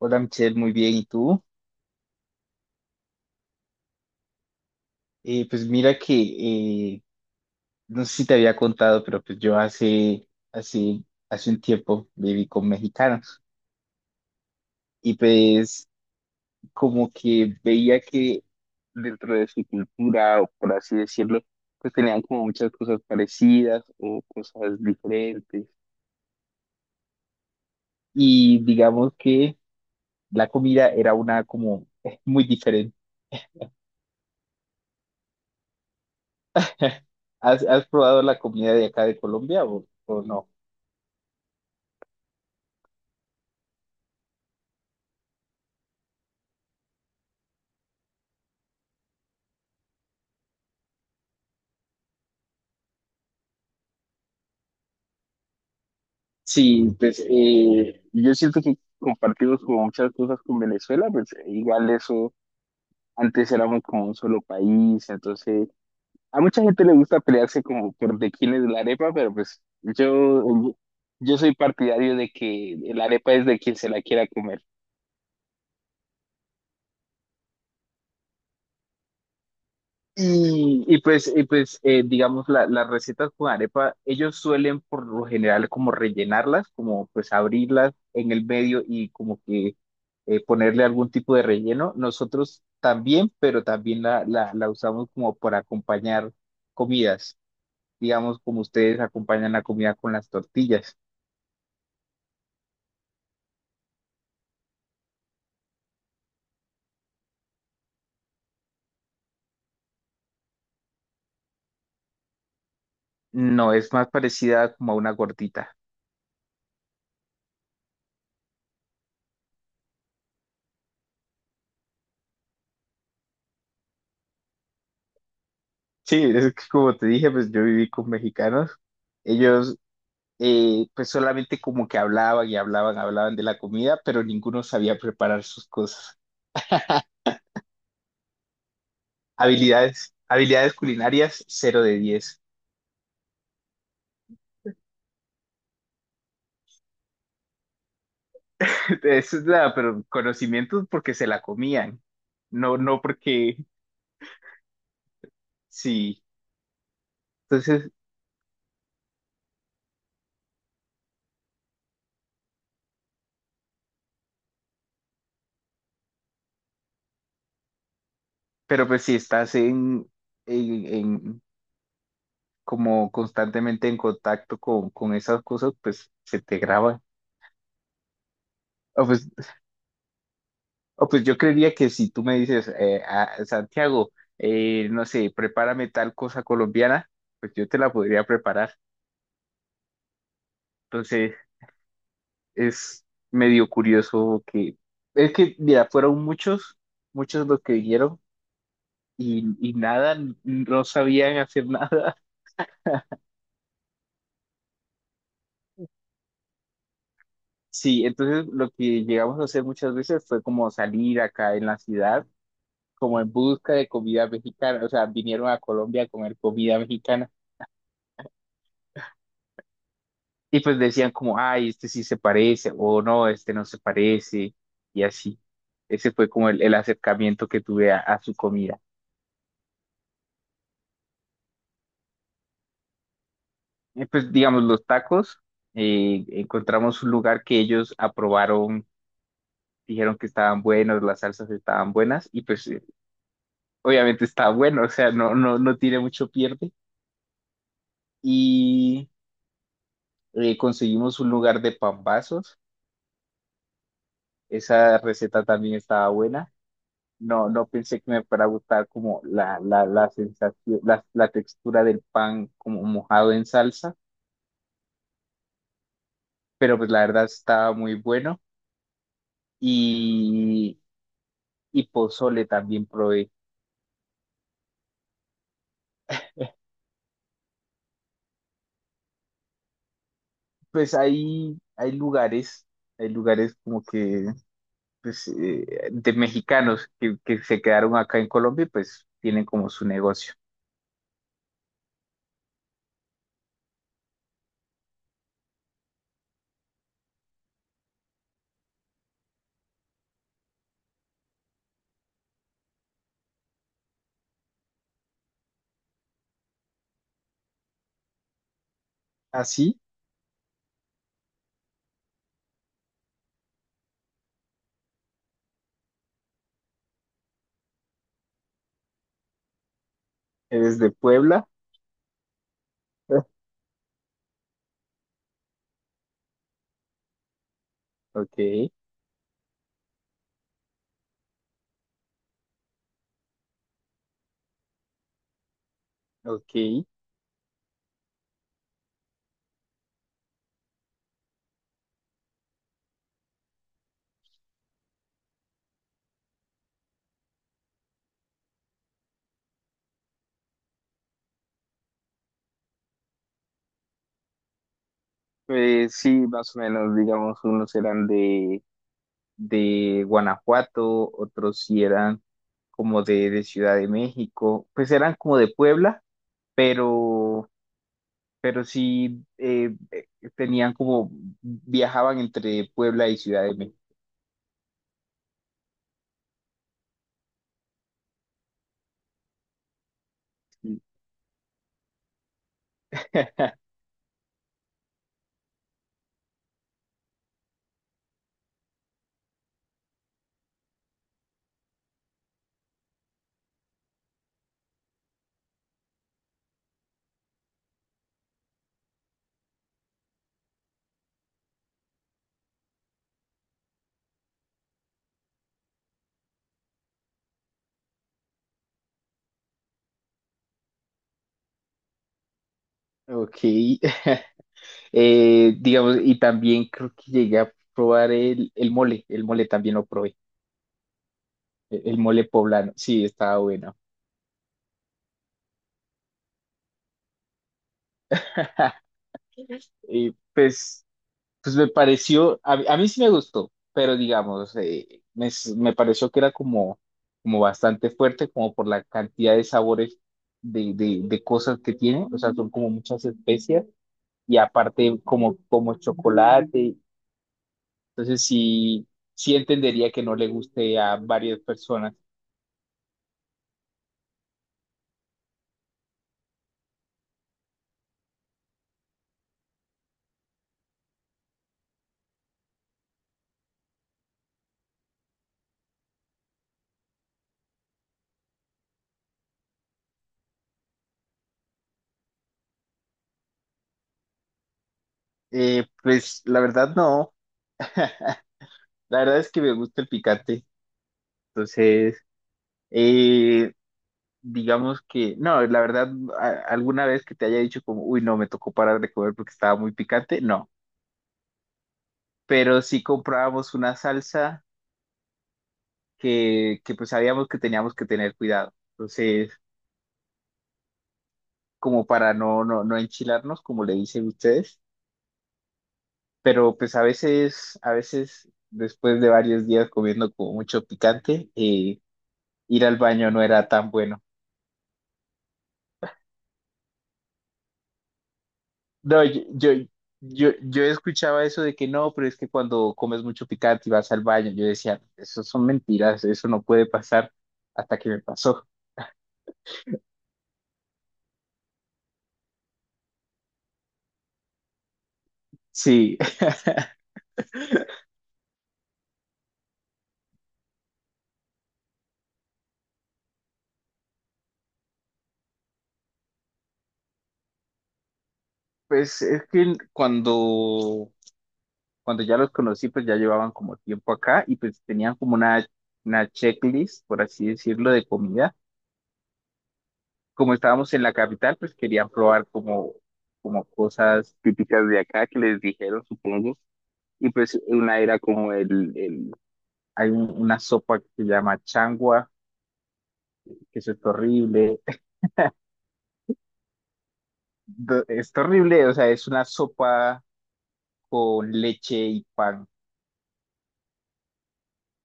Hola Michelle, muy bien. ¿Y tú? Pues mira que, eh, no sé si te había contado, pero pues yo hace, hace un tiempo viví con mexicanos y pues como que veía que dentro de su cultura, o por así decirlo, pues tenían como muchas cosas parecidas o cosas diferentes. Y digamos que la comida era una como muy diferente. ¿Has probado la comida de acá de Colombia o no? Sí, pues yo siento que compartimos como muchas cosas con Venezuela, pues igual eso, antes éramos como un solo país, entonces a mucha gente le gusta pelearse como por de quién es la arepa, pero pues yo soy partidario de que la arepa es de quien se la quiera comer. Y pues, digamos, las recetas con arepa, ellos suelen por lo general como rellenarlas, como pues abrirlas en el medio y como que ponerle algún tipo de relleno. Nosotros también, pero también la usamos como para acompañar comidas, digamos, como ustedes acompañan la comida con las tortillas. No, es más parecida como a una gordita. Sí, es que como te dije, pues yo viví con mexicanos. Ellos pues solamente como que hablaban y hablaban, hablaban de la comida, pero ninguno sabía preparar sus cosas. Habilidades culinarias, 0 de 10. Eso es nada, pero conocimientos porque se la comían, no, no porque sí. Entonces, pero pues si estás en, en- como constantemente en contacto con esas cosas, pues se te graba. Oh, pues yo creería que si tú me dices, Santiago, no sé, prepárame tal cosa colombiana, pues yo te la podría preparar. Entonces, es medio curioso que, es que, mira, fueron muchos, muchos los que vinieron y nada, no sabían hacer nada. Sí, entonces lo que llegamos a hacer muchas veces fue como salir acá en la ciudad, como en busca de comida mexicana, o sea, vinieron a Colombia a comer comida mexicana. Y pues decían como, ay, este sí se parece, o no, este no se parece, y así. Ese fue como el acercamiento que tuve a su comida. Y pues digamos, los tacos, encontramos un lugar que ellos aprobaron, dijeron que estaban buenos, las salsas estaban buenas, y pues obviamente está bueno, o sea, no, no, no tiene mucho pierde. Y conseguimos un lugar de pambazos, esa receta también estaba buena. No, no pensé que me fuera a gustar como la sensación, la textura del pan como mojado en salsa, pero pues la verdad estaba muy bueno. Y, y pozole también probé. Pues hay, hay lugares como que pues, de mexicanos que se quedaron acá en Colombia y pues tienen como su negocio. ¿Así? ¿Eres de Puebla? Ok, ok. Pues sí, más o menos, digamos, unos eran de Guanajuato, otros sí eran como de Ciudad de México, pues eran como de Puebla, pero, pero sí tenían como, viajaban entre Puebla y Ciudad de México. Ok. Digamos, y también creo que llegué a probar el mole también lo probé, el mole poblano, sí, estaba bueno. Y pues pues me pareció, a mí sí me gustó, pero digamos, me, me pareció que era como, como bastante fuerte, como por la cantidad de sabores de cosas que tiene, o sea, son como muchas especias y aparte como, como chocolate, entonces sí, sí entendería que no le guste a varias personas. Pues la verdad no, la verdad es que me gusta el picante, entonces... eh, digamos que, no, la verdad, alguna vez que te haya dicho como, uy, no, me tocó parar de comer porque estaba muy picante, no, pero sí comprábamos una salsa que pues sabíamos que teníamos que tener cuidado, entonces, como para no, no, no enchilarnos, como le dicen ustedes, pero pues a veces, después de varios días comiendo como mucho picante, ir al baño no era tan bueno. No, yo escuchaba eso de que no, pero es que cuando comes mucho picante y vas al baño, yo decía, eso son mentiras, eso no puede pasar hasta que me pasó. Sí, pues es que cuando, cuando ya los conocí, pues ya llevaban como tiempo acá y pues tenían como una checklist, por así decirlo, de comida. Como estábamos en la capital, pues querían probar como, como cosas típicas de acá que les dijeron, supongo. Y pues una era como el hay una sopa que se llama changua, que eso es horrible. Es horrible, o sea, es una sopa con leche y pan.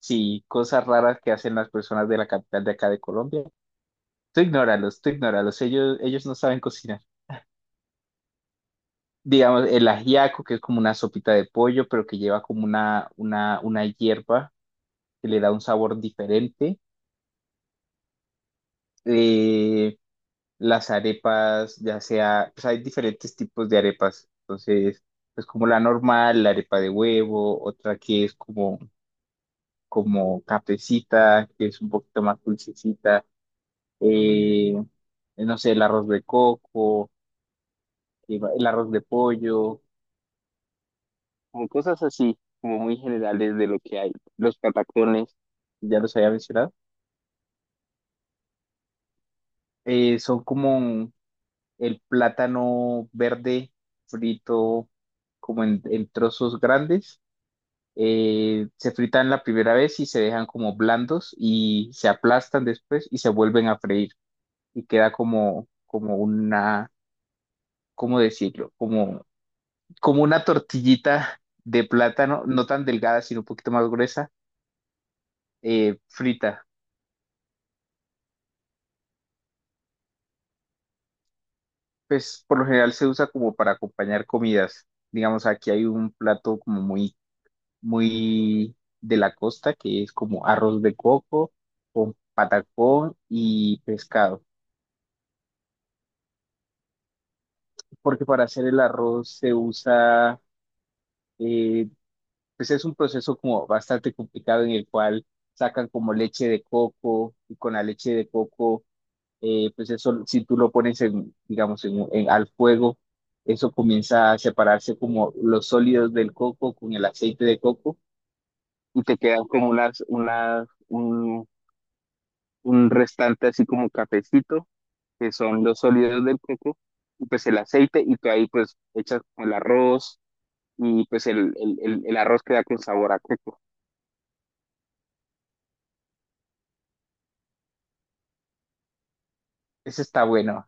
Sí, cosas raras que hacen las personas de la capital de acá de Colombia. Tú ignóralos, ellos no saben cocinar. Digamos, el ajiaco, que es como una sopita de pollo, pero que lleva como una hierba que le da un sabor diferente. Eh, las arepas, ya sea, pues hay diferentes tipos de arepas. Entonces, pues como la normal, la arepa de huevo, otra que es como, como cafecita, que es un poquito más dulcecita, eh, no sé, el arroz de coco, el arroz de pollo, como cosas así, como muy generales de lo que hay. Los patacones, ya los había mencionado, son como el plátano verde frito como en trozos grandes, se fritan la primera vez y se dejan como blandos y se aplastan después y se vuelven a freír y queda como, como una, ¿cómo decirlo? Como, como una tortillita de plátano, no tan delgada, sino un poquito más gruesa, frita. Pues por lo general se usa como para acompañar comidas. Digamos, aquí hay un plato como muy, muy de la costa que es como arroz de coco con patacón y pescado. Porque para hacer el arroz se usa, eh, pues es un proceso como bastante complicado en el cual sacan como leche de coco y con la leche de coco, pues eso, si tú lo pones en, digamos, en, al fuego, eso comienza a separarse como los sólidos del coco con el aceite de coco y te quedan como unas, unas, un restante así como cafecito, que son los sólidos del coco y pues el aceite y tú ahí pues echas el arroz y pues el arroz queda con sabor a coco. Ese está bueno,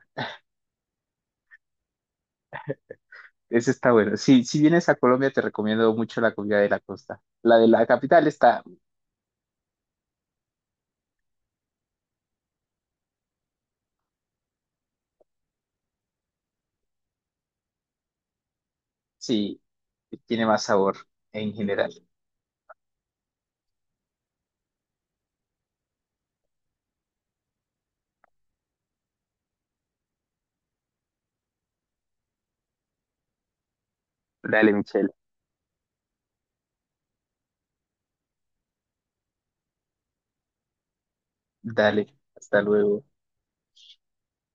ese está bueno. Sí, si vienes a Colombia, te recomiendo mucho la comida de la costa. La de la capital está, sí, tiene más sabor en general. Dale, Michelle. Dale, hasta luego.